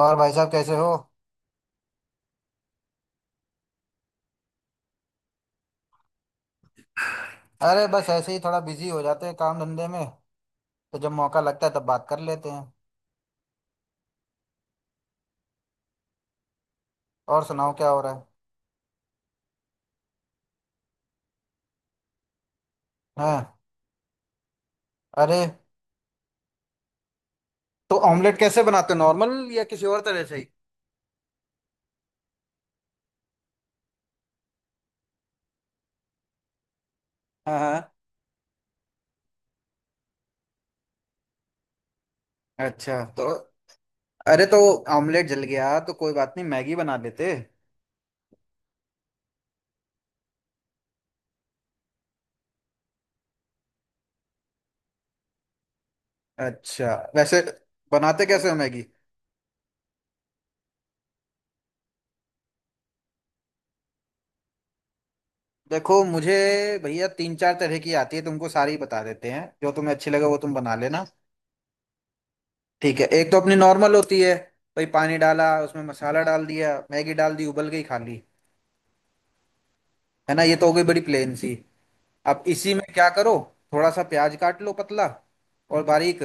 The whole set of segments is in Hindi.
और भाई साहब कैसे हो? अरे, बस ऐसे ही थोड़ा बिजी हो जाते हैं काम धंधे में। तो जब मौका लगता है तब बात कर लेते हैं। और सुनाओ क्या हो रहा है। हाँ। अरे, तो ऑमलेट कैसे बनाते हो, नॉर्मल या किसी और तरह से ही। हाँ, हाँ। अच्छा। तो अरे, तो ऑमलेट जल गया तो कोई बात नहीं, मैगी बना लेते। अच्छा, वैसे बनाते कैसे हो मैगी? देखो मुझे, भैया तीन चार तरह की आती है, तुमको सारी बता देते हैं, जो तुम्हें अच्छी लगे वो तुम बना लेना। ठीक है, एक तो अपनी नॉर्मल होती है। भाई, पानी डाला, उसमें मसाला डाल दिया, मैगी डाल दी, उबल गई, खा ली। है ना, ये तो हो गई बड़ी प्लेन सी। अब इसी में क्या करो, थोड़ा सा प्याज काट लो, पतला और बारीक।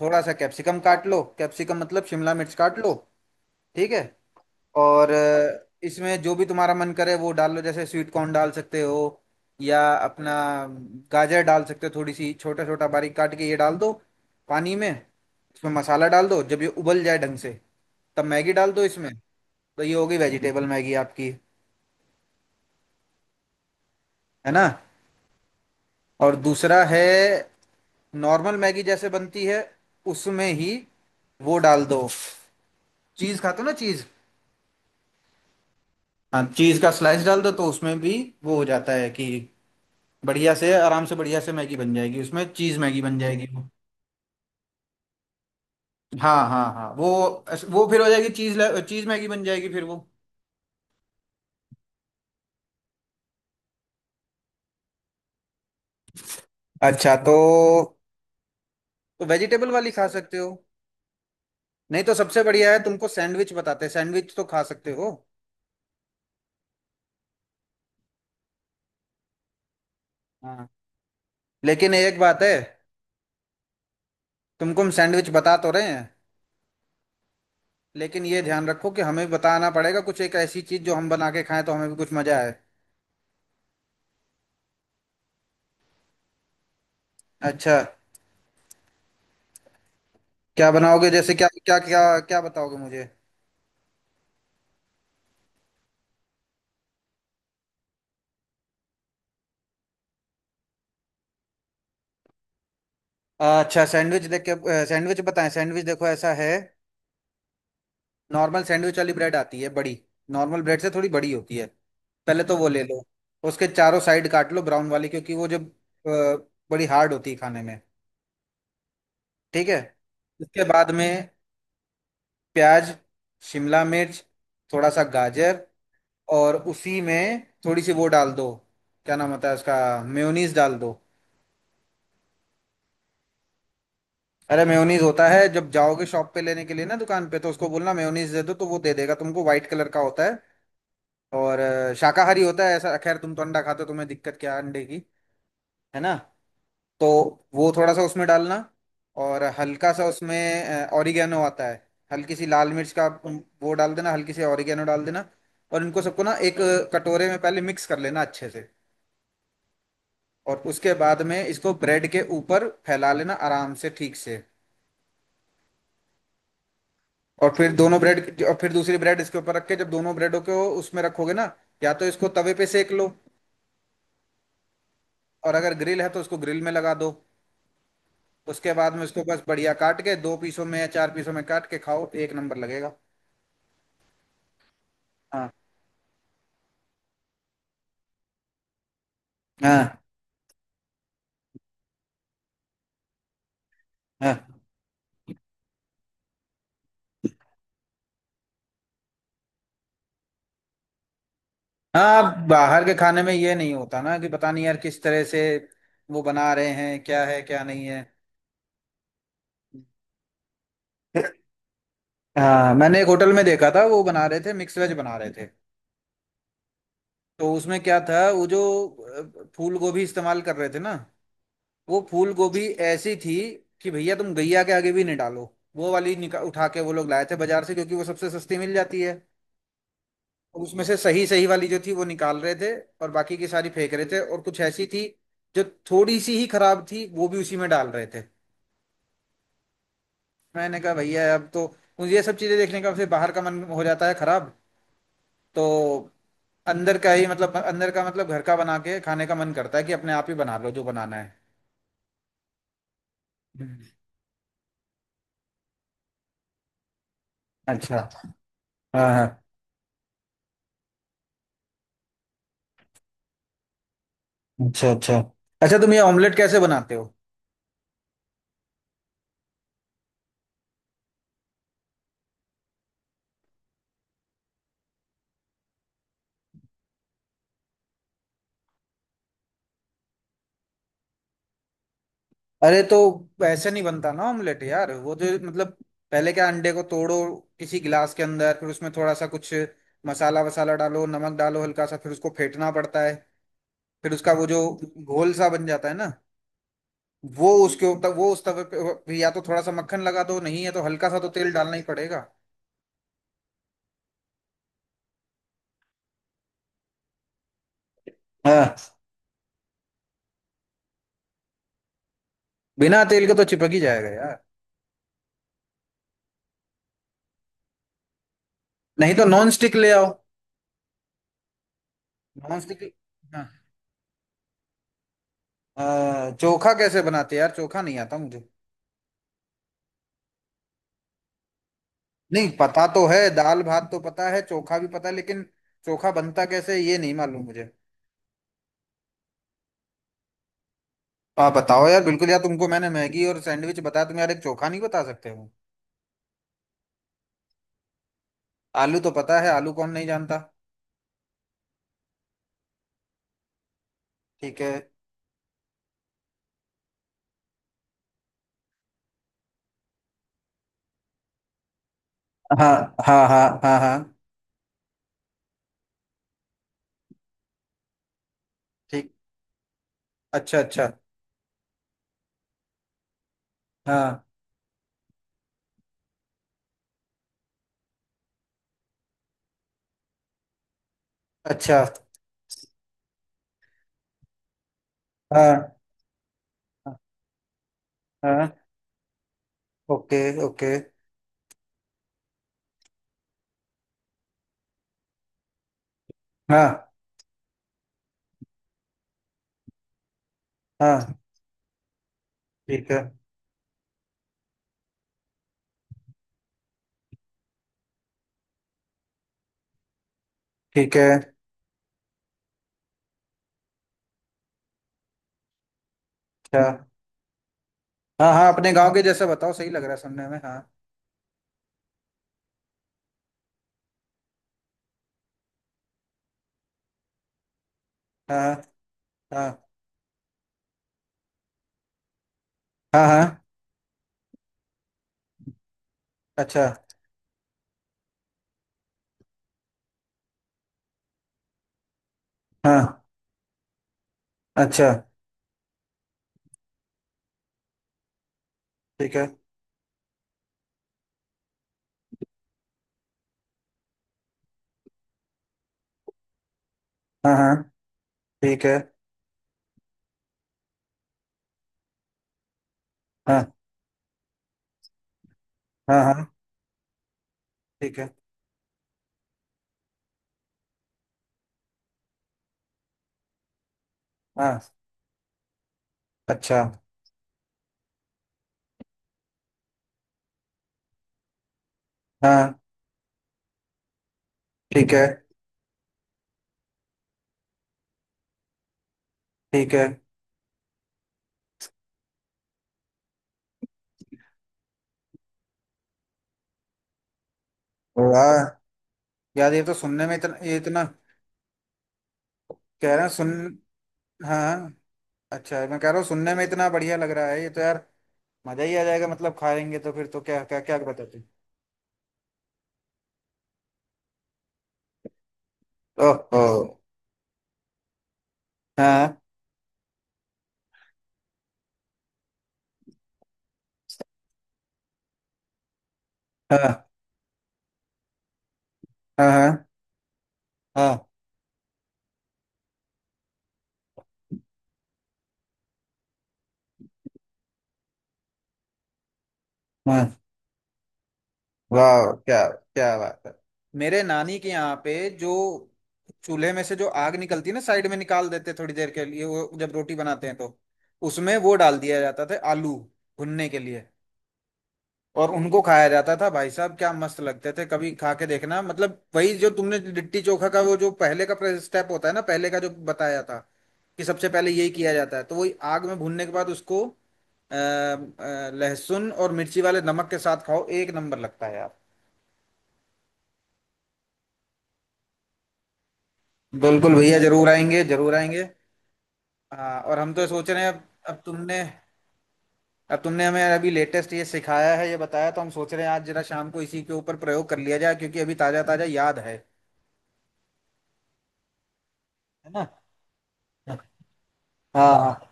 थोड़ा सा कैप्सिकम काट लो, कैप्सिकम मतलब शिमला मिर्च काट लो। ठीक है। और इसमें जो भी तुम्हारा मन करे वो डाल लो, जैसे स्वीट कॉर्न डाल सकते हो या अपना गाजर डाल सकते हो, थोड़ी सी छोटा छोटा बारीक काट के ये डाल दो। पानी में इसमें मसाला डाल दो, जब ये उबल जाए ढंग से तब मैगी डाल दो इसमें। तो ये हो गई वेजिटेबल मैगी आपकी। है ना। और दूसरा है, नॉर्मल मैगी जैसे बनती है उसमें ही वो डाल दो। चीज़ खाते हो ना, चीज़। हाँ, चीज़ का स्लाइस डाल दो तो उसमें भी वो हो जाता है कि बढ़िया से, आराम से, बढ़िया से मैगी बन जाएगी, उसमें चीज़ मैगी बन जाएगी वो। हाँ हाँ हाँ, वो फिर हो जाएगी चीज़, चीज़ मैगी बन जाएगी फिर वो। अच्छा, तो वेजिटेबल वाली खा सकते हो। नहीं तो सबसे बढ़िया है, तुमको सैंडविच बताते हैं, सैंडविच तो खा सकते हो। हाँ, लेकिन एक बात है, तुमको हम सैंडविच बता तो रहे हैं, लेकिन ये ध्यान रखो कि हमें बताना पड़ेगा कुछ, एक ऐसी चीज़ जो हम बना के खाएं तो हमें भी कुछ मज़ा आए। अच्छा, क्या बनाओगे, जैसे क्या क्या क्या क्या बताओगे मुझे। अच्छा, सैंडविच देख के सैंडविच बताएं। सैंडविच देखो ऐसा है, नॉर्मल सैंडविच वाली ब्रेड आती है बड़ी, नॉर्मल ब्रेड से थोड़ी बड़ी होती है। पहले तो वो ले लो, उसके चारों साइड काट लो ब्राउन वाली, क्योंकि वो जब अ, बड़ी हार्ड होती है खाने में। ठीक है। उसके बाद में प्याज, शिमला मिर्च, थोड़ा सा गाजर, और उसी में थोड़ी सी वो डाल दो, क्या नाम होता है उसका, मेयोनीज डाल दो। अरे, मेयोनीज होता है, जब जाओगे शॉप पे लेने के लिए ना, दुकान पे, तो उसको बोलना मेयोनीज दे दो तो वो दे देगा तुमको, व्हाइट कलर का होता है। और शाकाहारी होता है ऐसा, खैर तुम तो अंडा खाते हो, तुम्हें दिक्कत क्या है अंडे की। है ना। तो वो थोड़ा सा उसमें डालना, और हल्का सा उसमें ऑरिगेनो आता है, हल्की सी लाल मिर्च का वो डाल देना, हल्की सी ऑरिगेनो डाल देना। और इनको सबको ना एक कटोरे में पहले मिक्स कर लेना अच्छे से। और उसके बाद में इसको ब्रेड के ऊपर फैला लेना आराम से, ठीक से। और फिर दोनों ब्रेड, और फिर दूसरी ब्रेड इसके ऊपर रख के, जब दोनों ब्रेडों को उसमें रखोगे ना, या तो इसको तवे पे सेक लो, और अगर ग्रिल है तो उसको ग्रिल में लगा दो। उसके बाद में उसको बस बढ़िया काट के दो पीसों में या चार पीसों में काट के खाओ, एक नंबर लगेगा। हाँ हाँ हाँ, हाँ बाहर के खाने में ये नहीं होता ना कि पता नहीं यार किस तरह से वो बना रहे हैं, क्या है क्या नहीं है। हाँ, मैंने एक होटल में देखा था, वो बना रहे थे मिक्स वेज बना रहे थे। तो उसमें क्या था, वो जो फूल गोभी इस्तेमाल कर रहे थे ना, वो फूल गोभी ऐसी थी कि भैया तुम गैया के आगे भी नहीं डालो। वो वाली निका उठा के वो लोग लाए थे बाजार से, क्योंकि वो सबसे सस्ती मिल जाती है। उसमें से सही सही वाली जो थी वो निकाल रहे थे, और बाकी की सारी फेंक रहे थे, और कुछ ऐसी थी जो थोड़ी सी ही खराब थी वो भी उसी में डाल रहे थे। मैंने कहा भैया अब तो मुझे ये सब चीजें देखने का फिर बाहर का मन हो जाता है खराब। तो अंदर का ही, मतलब अंदर का मतलब घर का बना के खाने का मन करता है, कि अपने आप ही बना लो जो बनाना है। हम्म। अच्छा। हाँ हाँ। अच्छा, अच्छा। अच्छा, तुम ये ऑमलेट कैसे बनाते हो? अरे, तो ऐसे नहीं बनता ना ऑमलेट यार, वो जो मतलब पहले क्या, अंडे को तोड़ो किसी गिलास के अंदर, फिर उसमें थोड़ा सा कुछ मसाला वसाला डालो, नमक डालो हल्का सा, फिर उसको फेंटना पड़ता है। फिर उसका वो जो घोल सा बन जाता है ना, वो उसके ऊपर वो, उस तवे पे या तो थोड़ा सा मक्खन लगा दो, नहीं है तो हल्का सा तो तेल डालना ही पड़ेगा। हाँ, बिना तेल के तो चिपक ही जाएगा यार। नहीं तो नॉन स्टिक ले आओ। Non stick. हाँ। चोखा कैसे बनाते हैं यार, चोखा नहीं आता मुझे। नहीं, पता तो है, दाल भात तो पता है, चोखा भी पता है, लेकिन चोखा बनता कैसे है, ये नहीं मालूम मुझे। आप बताओ यार, बिल्कुल यार, तुमको मैंने मैगी और सैंडविच बताया, तुम यार एक चोखा नहीं बता सकते हो। आलू तो पता है, आलू कौन नहीं जानता। ठीक है। हाँ हाँ हाँ हाँ। हाँ। ठीक, अच्छा, अच्छा। हाँ। अच्छा। हाँ हाँ। Okay, okay. हाँ हाँ। ठीक है। ठीक है। अच्छा। हाँ हाँ, अपने गांव के जैसे बताओ, सही लग रहा है सुनने में। हाँ हाँ हाँ, हाँ हाँ। अच्छा। हाँ। अच्छा। ठीक है। हाँ हाँ। ठीक है। हाँ हाँ हाँ। ठीक है। हाँ। अच्छा। हाँ। ठीक है। ठीक है। वाह। यार ये तो सुनने में इतना, ये इतना, कह रहे हैं सुन, हाँ हाँ, अच्छा, मैं कह रहा हूँ सुनने में इतना बढ़िया लग रहा है ये तो यार। मजा ही आ जाएगा, मतलब खाएंगे तो फिर तो क्या क्या क्या बताते। ओह। हाँ हाँ हाँ, हाँ हाँ हाँ। वाह, क्या क्या बात है। मेरे नानी के यहाँ पे जो चूल्हे में से जो आग निकलती है ना, साइड में निकाल देते थोड़ी देर के लिए, वो जब रोटी बनाते हैं तो उसमें वो डाल दिया जाता था आलू भुनने के लिए। और उनको खाया जाता था भाई साहब, क्या मस्त लगते थे, कभी खा के देखना। मतलब वही जो तुमने लिट्टी चोखा का वो जो पहले का स्टेप होता है ना, पहले का जो बताया था कि सबसे पहले यही किया जाता है, तो वही आग में भुनने के बाद उसको लहसुन और मिर्ची वाले नमक के साथ खाओ, एक नंबर लगता है यार। बिल्कुल भैया, जरूर आएंगे, जरूर आएंगे। हाँ, और हम तो सोच रहे हैं अब, अब तुमने अब तुमने हमें अभी लेटेस्ट ये सिखाया है, ये बताया, तो हम सोच रहे हैं आज जरा शाम को इसी के ऊपर प्रयोग कर लिया जाए क्योंकि अभी ताजा ताजा याद है। है ना। हाँ हाँ।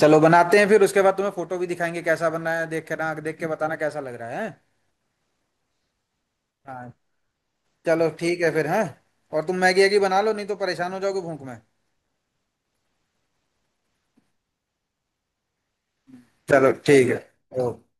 चलो बनाते हैं, फिर उसके बाद तुम्हें फोटो भी दिखाएंगे कैसा बन रहा है, देख के ना देख के बताना कैसा लग रहा है, हैं? हाँ, चलो ठीक है फिर। हाँ, और तुम मैगी वैगी बना लो नहीं तो परेशान हो जाओगे भूख में। चलो ठीक है। ओके।